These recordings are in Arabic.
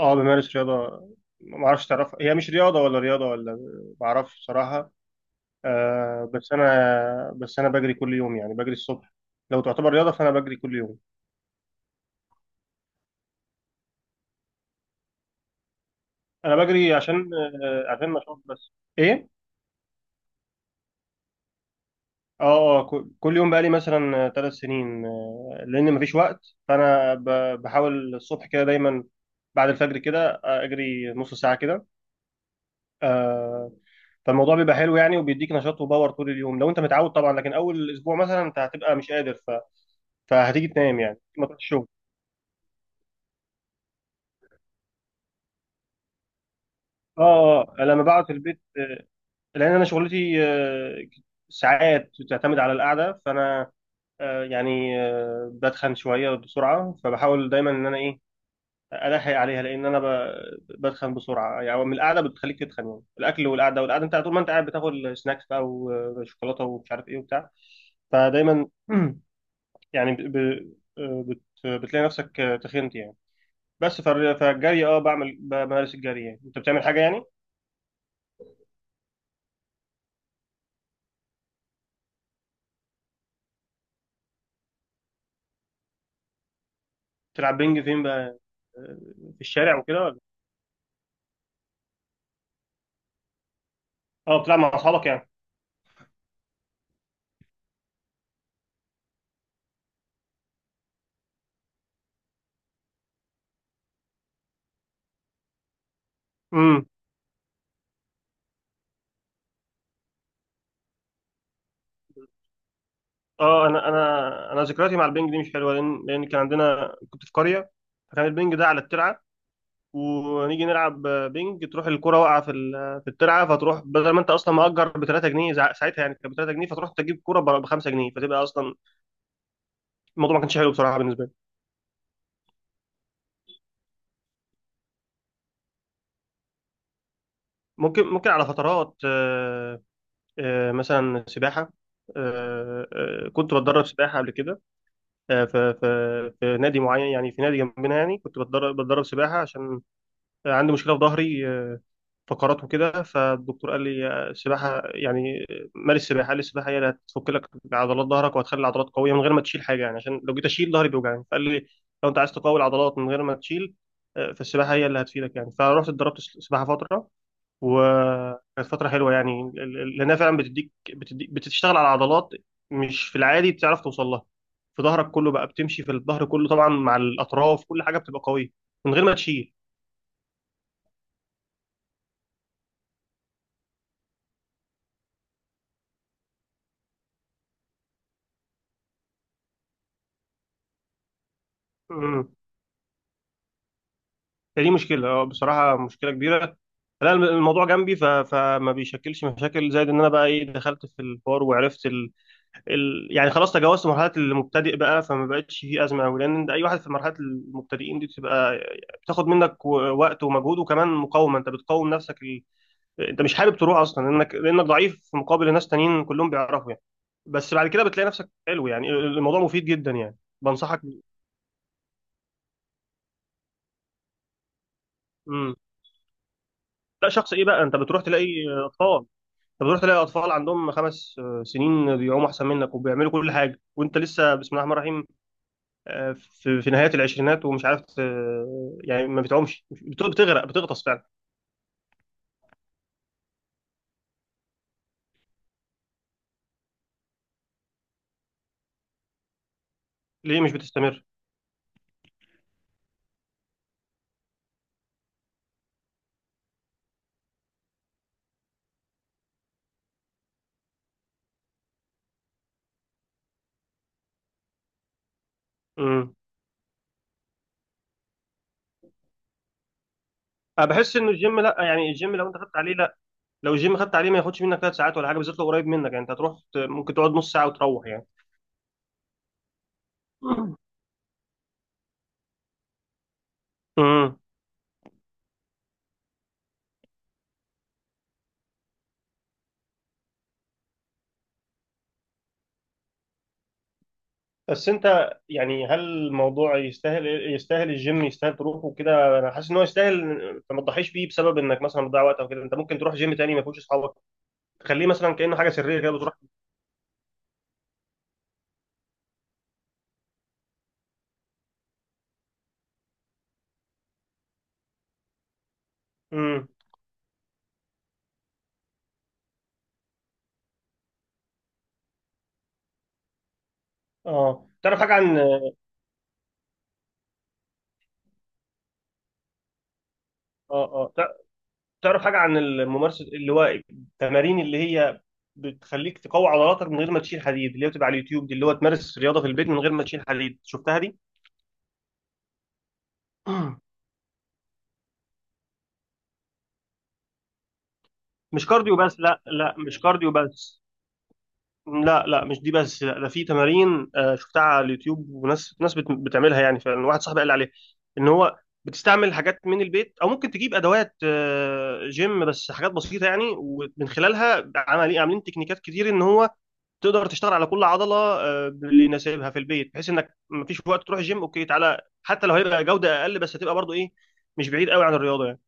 اه، بمارس رياضة. ما اعرفش، تعرفها هي مش رياضة ولا رياضة ولا ما اعرفش بصراحة. بس انا بجري كل يوم، يعني بجري الصبح. لو تعتبر رياضة فانا بجري كل يوم. انا بجري عشان عشان نشاط بس. ايه. كل يوم، بقالي مثلا 3 سنين، لان مفيش وقت، فانا بحاول الصبح كده دايما بعد الفجر كده، اجري نص ساعة كده. آه فالموضوع بيبقى حلو يعني، وبيديك نشاط وباور طول اليوم لو انت متعود طبعا. لكن اول اسبوع مثلا انت هتبقى مش قادر، فهتيجي تنام يعني ما تروحش الشغل. اه اه، لما بقعد في البيت، لان انا شغلتي، ساعات تعتمد على القعده، فانا يعني بتخن شويه بسرعه، فبحاول دايما ان انا ايه، الحق عليها. لان انا بتخن بسرعه يعني. من القعده بتخليك تتخن يعني، الاكل والقعده، والقعده انت طول ما انت قاعد بتاكل سناكس بقى، وشوكولاته، ومش عارف ايه وبتاع. فدايما يعني ب... ب... آه، بت... بتلاقي نفسك، تخنت يعني. بس فالجري، اه بعمل بمارس الجري يعني، انت بتعمل حاجه يعني. بتلعب بينج فين بقى، في الشارع وكده ولا؟ اه، بتلعب مع اصحابك يعني. امم. اه، انا ذكرياتي مع البنج دي مش حلوه. لان كان عندنا كنت في قريه، فكان البنج ده على الترعه، ونيجي نلعب بنج تروح الكره واقعه في في الترعه، فتروح بدل ما انت اصلا مأجر ب 3 جنيه، ساعتها يعني كانت ب 3 جنيه، فتروح تجيب كره ب 5 جنيه، فتبقى اصلا الموضوع ما كانش حلو بصراحه بالنسبه لي. ممكن على فترات، مثلا سباحه. آه، كنت بتدرب سباحه قبل كده، في في نادي معين يعني، في نادي جنبنا، يعني كنت بتدرب سباحه عشان عندي مشكله في ظهري، فقرات وكده. فالدكتور قال لي السباحه يعني مارس السباحه. قال لي السباحه هي اللي هتفك لك عضلات ظهرك، وهتخلي العضلات قويه من غير ما تشيل حاجه يعني، عشان لو جيت اشيل ظهري بيوجعني. فقال لي لو انت عايز تقوي العضلات من غير ما تشيل، فالسباحه هي اللي هتفيدك يعني. فرحت اتدربت سباحه فتره، وكانت فترة حلوة يعني، لأنها فعلا بتديك بتشتغل على عضلات مش في العادي بتعرف توصل لها، في ظهرك كله بقى. بتمشي في الظهر كله طبعا، مع الأطراف، كل حاجة بتبقى قوية من غير ما تشيل. امم. فدي مشكلة، بصراحة مشكلة كبيرة. لا الموضوع جنبي، فما بيشكلش مشاكل. زائد إن أنا بقى إيه، دخلت في الحوار وعرفت، يعني خلاص تجاوزت مرحله المبتدئ بقى، فما بقتش في ازمه قوي. لان انت اي واحد في مرحله المبتدئين دي بتبقى، بتاخد منك وقت ومجهود، وكمان مقاومه، انت بتقاوم نفسك. انت مش حابب تروح اصلا لانك ضعيف في مقابل ناس تانيين كلهم بيعرفوا يعني. بس بعد كده بتلاقي نفسك حلو يعني، الموضوع مفيد جدا يعني، بنصحك. امم. لا شخص ايه بقى، اطفال انت بتروح تلاقي اطفال عندهم 5 سنين بيعوموا احسن منك وبيعملوا كل حاجه، وانت لسه بسم الله الرحمن الرحيم. في نهايات العشرينات، ومش عارف يعني ما بتعومش، بتغرق بتغطس فعلا. ليه مش بتستمر؟ امم. انا بحس انه الجيم، لا يعني الجيم لو انت خدت عليه، لا، لو الجيم خدت عليه ما ياخدش منك 3 ساعات ولا حاجه، بالذات لو قريب منك يعني. انت هتروح ممكن تقعد نص ساعه وتروح يعني. مم. امم. بس انت يعني هل الموضوع يستاهل الجيم يستاهل تروحه كده؟ انا حاسس ان هو يستاهل، فما تضحيش بيه بسبب انك مثلا بتضيع وقت او كده. انت ممكن تروح جيم تاني ما فيهوش اصحابك، تخليه مثلا كانه حاجه سريه كده بتروح. امم. اه تعرف حاجه عن اه اه تعرف حاجة عن الممارسة، اللي هو التمارين اللي هي بتخليك تقوي عضلاتك من غير ما تشيل حديد، اللي هي بتبقى على اليوتيوب دي، اللي هو تمارس رياضة في البيت من غير ما تشيل حديد؟ شفتها دي؟ مش كارديو بس لا لا مش كارديو بس لا لا مش دي بس. لا ده في تمارين، شفتها على اليوتيوب، وناس بتعملها يعني فعلا. واحد صاحبي قال لي عليها ان هو بتستعمل حاجات من البيت، او ممكن تجيب ادوات جيم بس حاجات بسيطه يعني، ومن خلالها عاملين تكنيكات كتير، ان هو تقدر تشتغل على كل عضله باللي يناسبها في البيت، بحيث انك مفيش وقت تروح جيم، اوكي تعالى، حتى لو هيبقى جوده اقل، بس هتبقى برضو ايه، مش بعيد قوي عن الرياضه يعني.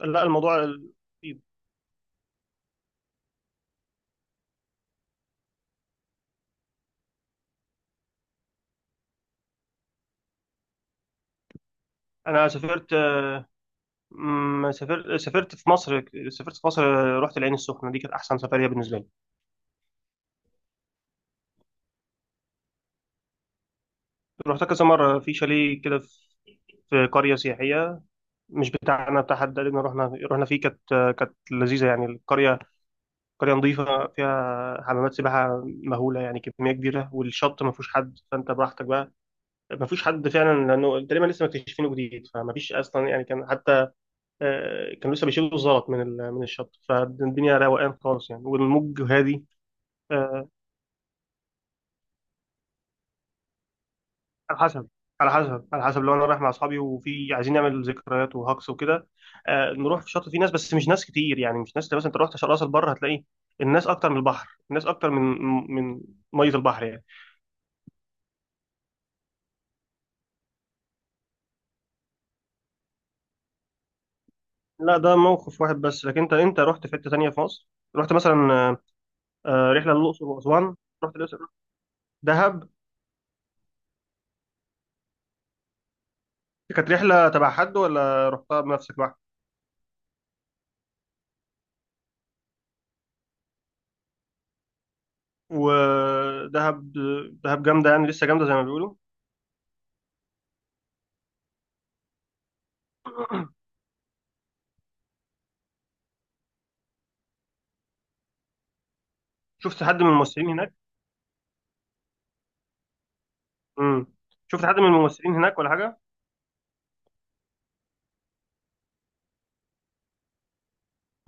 لا الموضوع بسيط. انا سافرت، مم، سافرت سافرت في مصر سافرت في مصر، رحت العين السخنه، دي كانت احسن سفريه بالنسبه لي. رحتها كذا مره في شاليه كده، في قريه سياحيه مش بتاعنا، بتاع حد قال لنا، رحنا فيه، كانت لذيذه يعني القريه. قرية نظيفة فيها حمامات سباحة مهولة يعني، كمية كبيرة، والشط ما فيهوش حد، فأنت براحتك بقى، ما فيهوش حد فعلا لأنه تقريبا لسه مكتشفينه جديد، فما فيش أصلا يعني. كان حتى، كانوا لسه بيشيلوا الزلط من من الشط، فالدنيا روقان خالص يعني، والموج هادي. آه، على حسب على حسب. لو أنا رايح مع أصحابي وفي عايزين نعمل ذكريات وهكس وكده، نروح في الشط فيه ناس بس مش ناس كتير يعني، مش ناس مثلا أنت رحت راس البر هتلاقي الناس أكتر من البحر، الناس أكتر من من مية البحر يعني. لا ده موقف واحد بس. لكن انت رحت في حته تانيه في مصر؟ رحت مثلا، رحله للاقصر واسوان، رحت الاقصر. دهب؟ كانت رحله تبع حد ولا رحتها بنفسك لوحدك؟ ودهب. دهب جامده يعني، لسه جامده زي ما بيقولوا. شفت حد من الممثلين هناك؟ امم. شفت حد من الممثلين هناك ولا حاجه؟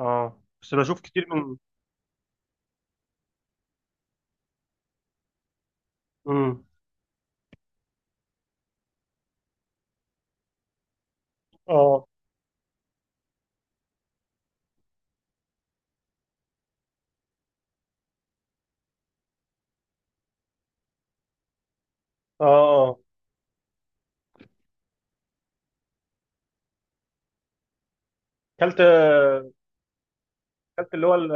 اه بس بشوف كتير من. امم. اه اه اه كلت كلت اللي هو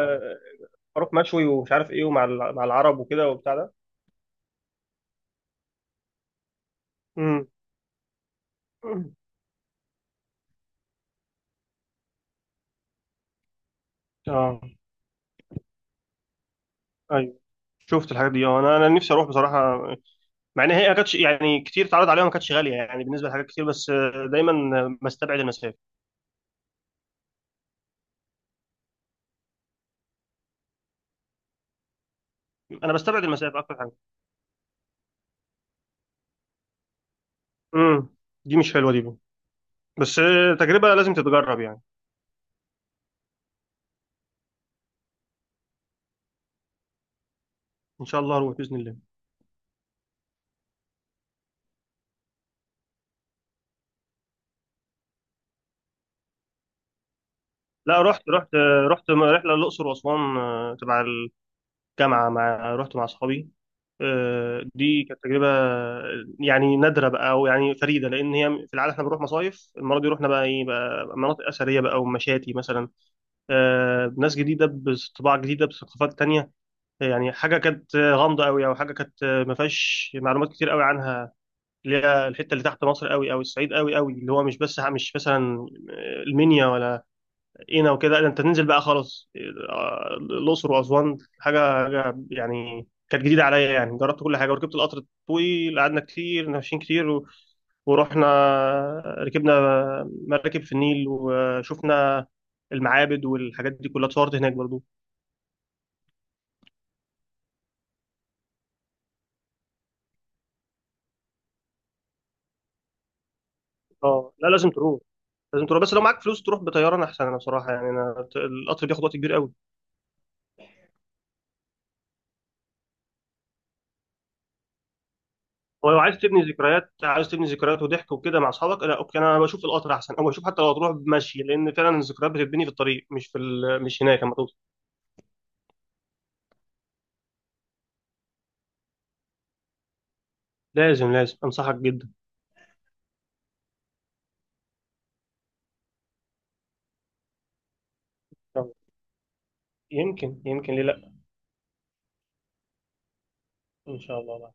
الخروف مشوي ومش عارف ايه، ومع مع العرب وكده وبتاع ده. امم. اه شفت الحاجات دي. اه، انا، نفسي اروح بصراحه، مع ان هي ما كانتش يعني كتير اتعرض عليها، ما كانتش غاليه يعني بالنسبه لحاجات كتير. بس دايما بستبعد المسافه. انا بستبعد المسافه اكتر حاجه. امم. دي مش حلوه دي بقى. بس تجربه لازم تتجرب يعني. ان شاء الله اروح باذن الله. لا رحت، رحله الاقصر واسوان، تبع الجامعه، رحت مع اصحابي. دي كانت تجربه يعني نادره بقى، او يعني فريده، لان هي في العاده احنا بنروح مصايف، المره دي رحنا بقى ايه بقى، مناطق اثريه بقى ومشاتي مثلا. ناس جديده بطباع جديده بثقافات تانية، يعني حاجه كانت غامضه قوي، او حاجه كانت ما فيهاش معلومات كتير قوي عنها، اللي هي الحته اللي تحت مصر قوي، او الصعيد قوي قوي، اللي هو مش بس مش مثلا المنيا ولا قنا وكده، لا انت تنزل بقى خلاص. الاقصر واسوان حاجه، حاجة يعني كانت جديده عليا. يعني جربت كل حاجه، وركبت القطر الطويل، قعدنا كتير ماشيين كتير، و- ورحنا ركبنا مراكب في النيل، وشفنا المعابد والحاجات دي كلها، اتصورت هناك برضو. اه لا لازم تروح، لازم تروح. بس لو معاك فلوس تروح بطياره احسن، انا بصراحه يعني، انا القطر بياخد وقت كبير قوي. هو لو عايز تبني ذكريات، عايز تبني ذكريات وضحك وكده مع اصحابك، لا اوكي. انا بشوف القطر احسن، او بشوف حتى لو تروح مشي، لان فعلا الذكريات بتتبني في الطريق مش في مش هناك لما توصل. لازم لازم انصحك جدا. يلا. يمكن ليه لا. ان شاء الله